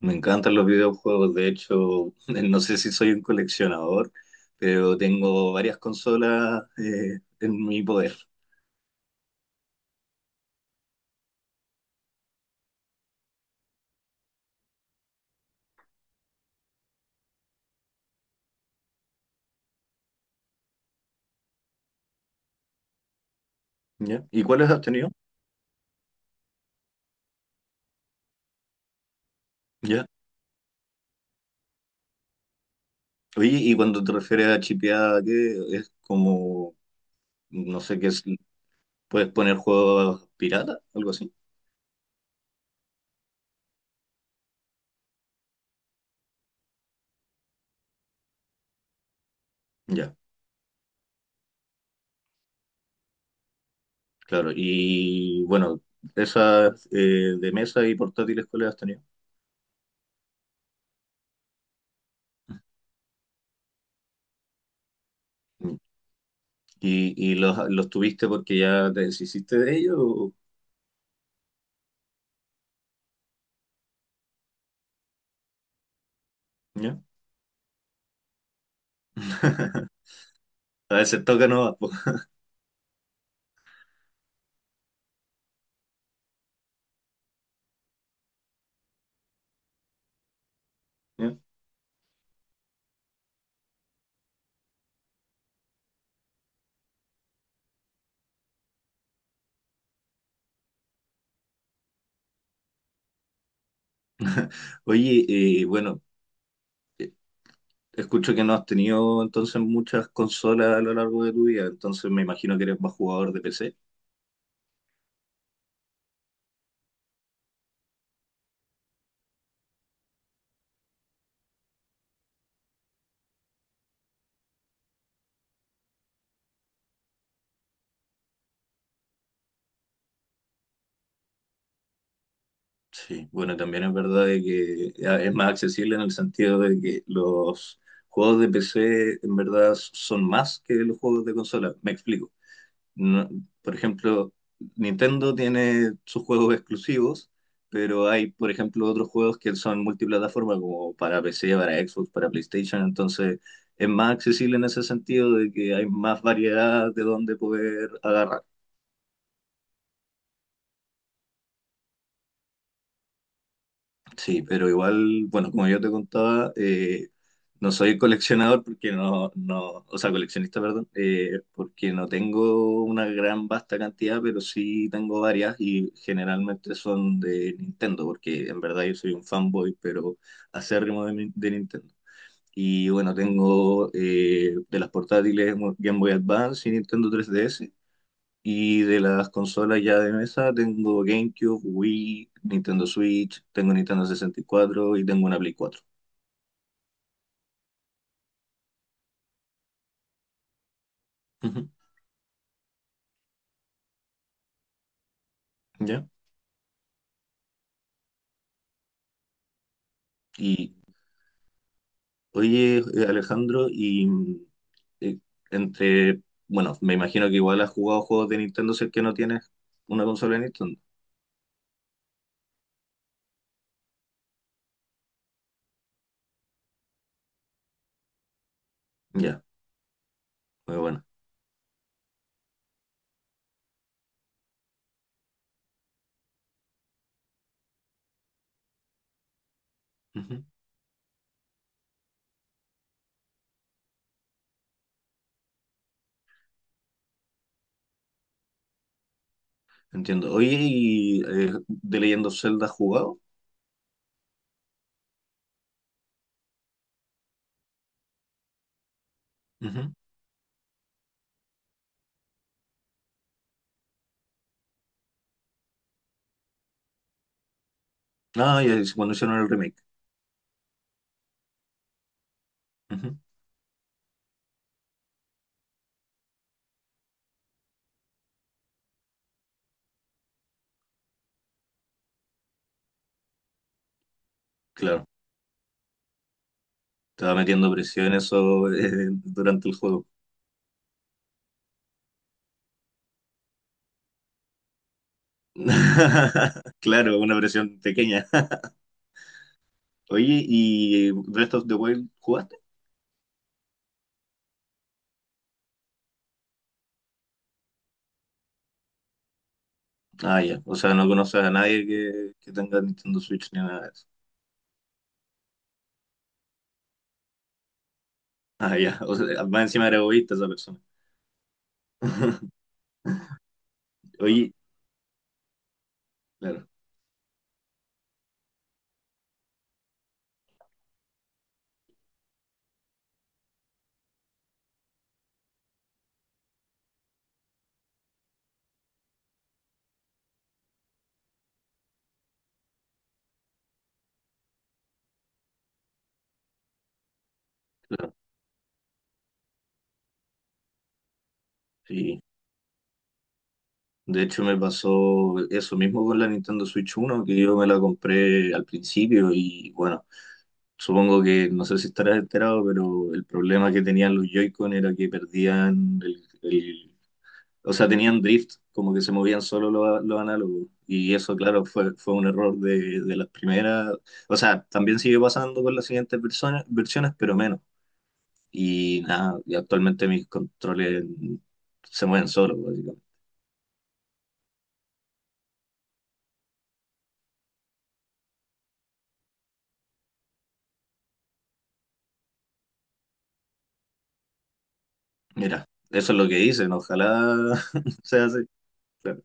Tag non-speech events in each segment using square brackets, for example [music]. Me encantan los videojuegos, de hecho, [laughs] no sé si soy un coleccionador, pero tengo varias consolas en mi poder. ¿Ya? ¿Y cuáles has tenido? ¿Ya? Oye, y cuando te refieres a chipeada, ¿qué es como, no sé qué es, puedes poner juegos pirata, algo así? Ya, claro. Y bueno, esas de mesa y portátiles, ¿cuáles has tenido? Mm. ¿Y, y los tuviste porque ya te deshiciste de ellos? O- ¿Ya? [laughs] A veces toca no. [laughs] Oye, bueno, eh, escucho que no has tenido entonces muchas consolas a lo largo de tu vida, entonces me imagino que eres más jugador de PC. Sí, bueno, también es verdad de que ya es más accesible en el sentido de que los juegos de PC en verdad son más que los juegos de consola. Me explico. No- por ejemplo, Nintendo tiene sus juegos exclusivos, pero hay, por ejemplo, otros juegos que son multiplataforma, como para PC, para Xbox, para PlayStation, entonces es más accesible en ese sentido de que hay más variedad de dónde poder agarrar. Sí, pero igual, bueno, como yo te contaba, no soy coleccionador porque no, no, o sea, coleccionista, perdón, porque no tengo una gran vasta cantidad, pero sí tengo varias y generalmente son de Nintendo, porque en verdad yo soy un fanboy, pero acérrimo de, Nin- de Nintendo. Y bueno, tengo de las portátiles Game Boy Advance y Nintendo 3DS. Y de las consolas ya de mesa tengo GameCube, Wii, Nintendo Switch, tengo Nintendo sesenta y cuatro y tengo una Play cuatro. Ujú. ¿Ya? Y oye, Alejandro, y eh, entre, bueno, me imagino que igual has jugado juegos de Nintendo si es que no tienes una consola de Nintendo. Ya, muy bueno. Ujú. Entiendo. Oye, ¿y The Legend of Zelda has jugado? Ujú. Ah, ya, es cuando hicieron el remake. Ujú. Claro, te va metiendo presión eso. [laughs] Eh, durante el juego. [laughs] Claro, una versión pequeña. Oye, ¿y Breath of the Wild jugaste? Ah, ya. O sea, no conoces a nadie que tenga Nintendo Switch ni nada de eso. Ah, ya. O sea, más encima era egoísta esa persona. [laughs] Oye, claro, claro. Sí. De hecho, me pasó eso mismo con la Nintendo Switch uno que yo me la compré al principio y bueno, supongo que, no sé si estarás enterado, pero el problema que tenían los Joy-Con era que perdían el o sea, tenían drift, como que se movían solo los análogos. Y eso, claro, fue un error de las primeras. O sea, también sigue pasando con las siguientes versiones pero menos. Y nada, y actualmente mis controles se mueven solos, básicamente. Mira, eso es lo que dicen, ojalá [laughs] sea así. Claro,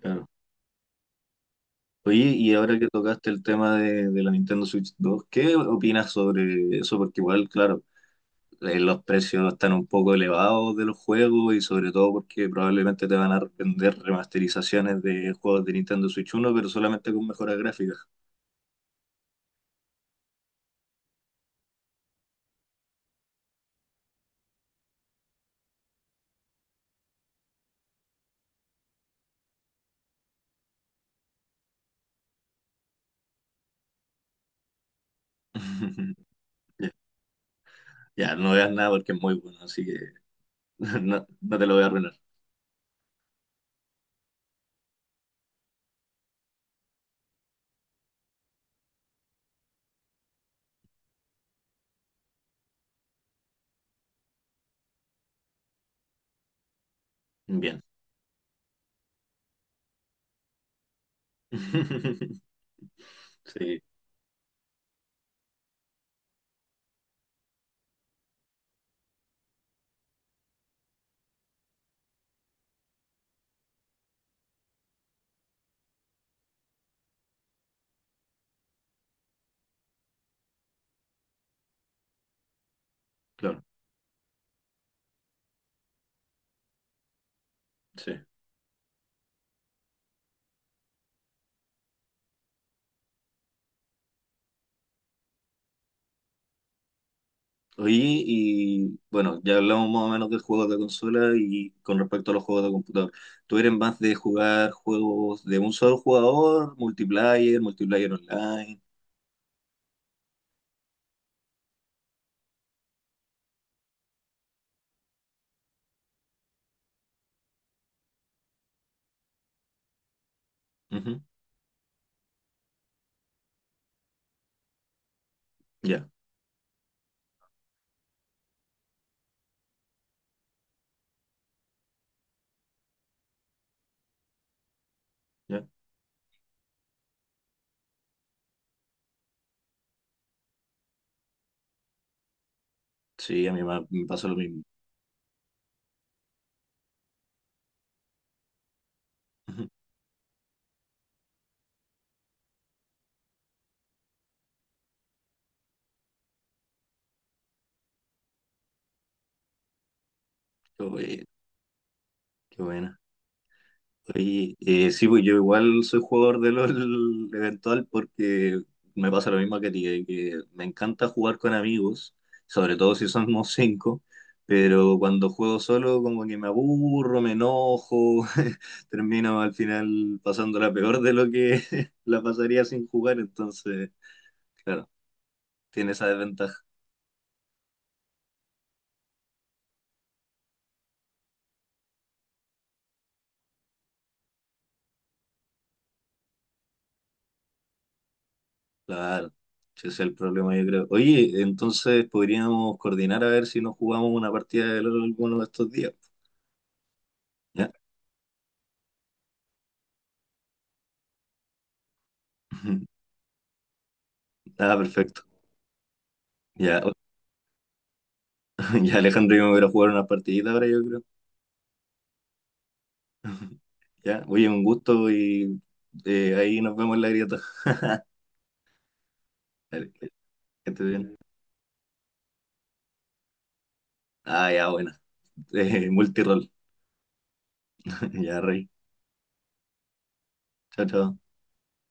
claro. Oye, y ahora que tocaste el tema de la Nintendo Switch dos, ¿qué opinas sobre eso? Porque igual, claro, los precios no están un poco elevados de los juegos y sobre todo porque probablemente te van a vender remasterizaciones de juegos de Nintendo Switch uno pero solamente con mejoras gráficas. [laughs] Ya, no veas nada porque es muy bueno, así que [laughs] no, no te lo voy a arruinar. Bien. [laughs] Sí, claro, sí. Oye, y bueno, ya hablamos más o menos de juegos de consola y con respecto a los juegos de computador. ¿Tú eres más de jugar juegos de un solo jugador, multiplayer, multiplayer online? Ujú. Ya. Ya. Sí, a mí me pasó lo mismo. [laughs] Qué bueno, qué buena. Oye, sí, pues yo igual soy jugador de LOL [laughs] eventual porque me pasa lo mismo que a ti, que me encanta jugar con amigos, sobre todo si somos [laughs] cinco, pero cuando juego solo como que me aburro, me enojo, [laughs] termino al final pasándola peor de lo que [laughs] la pasaría sin jugar, entonces, claro, tiene esa desventaja. Claro, ese es el problema, yo creo. Oye, entonces podríamos coordinar a ver si nos jugamos una partida de LOL alguno de estos días. ¿Ya? [laughs] Ah, perfecto. Ya, [laughs] ya Alejandro y yo me voy a ir a jugar una partidita ahora, yo creo. Ya, oye, un gusto y ahí nos vemos en la grieta. Dale, que estés bien. Ah, ya, bueno. [laughs] Multirol. [laughs] Ya, rey. Chao, chao.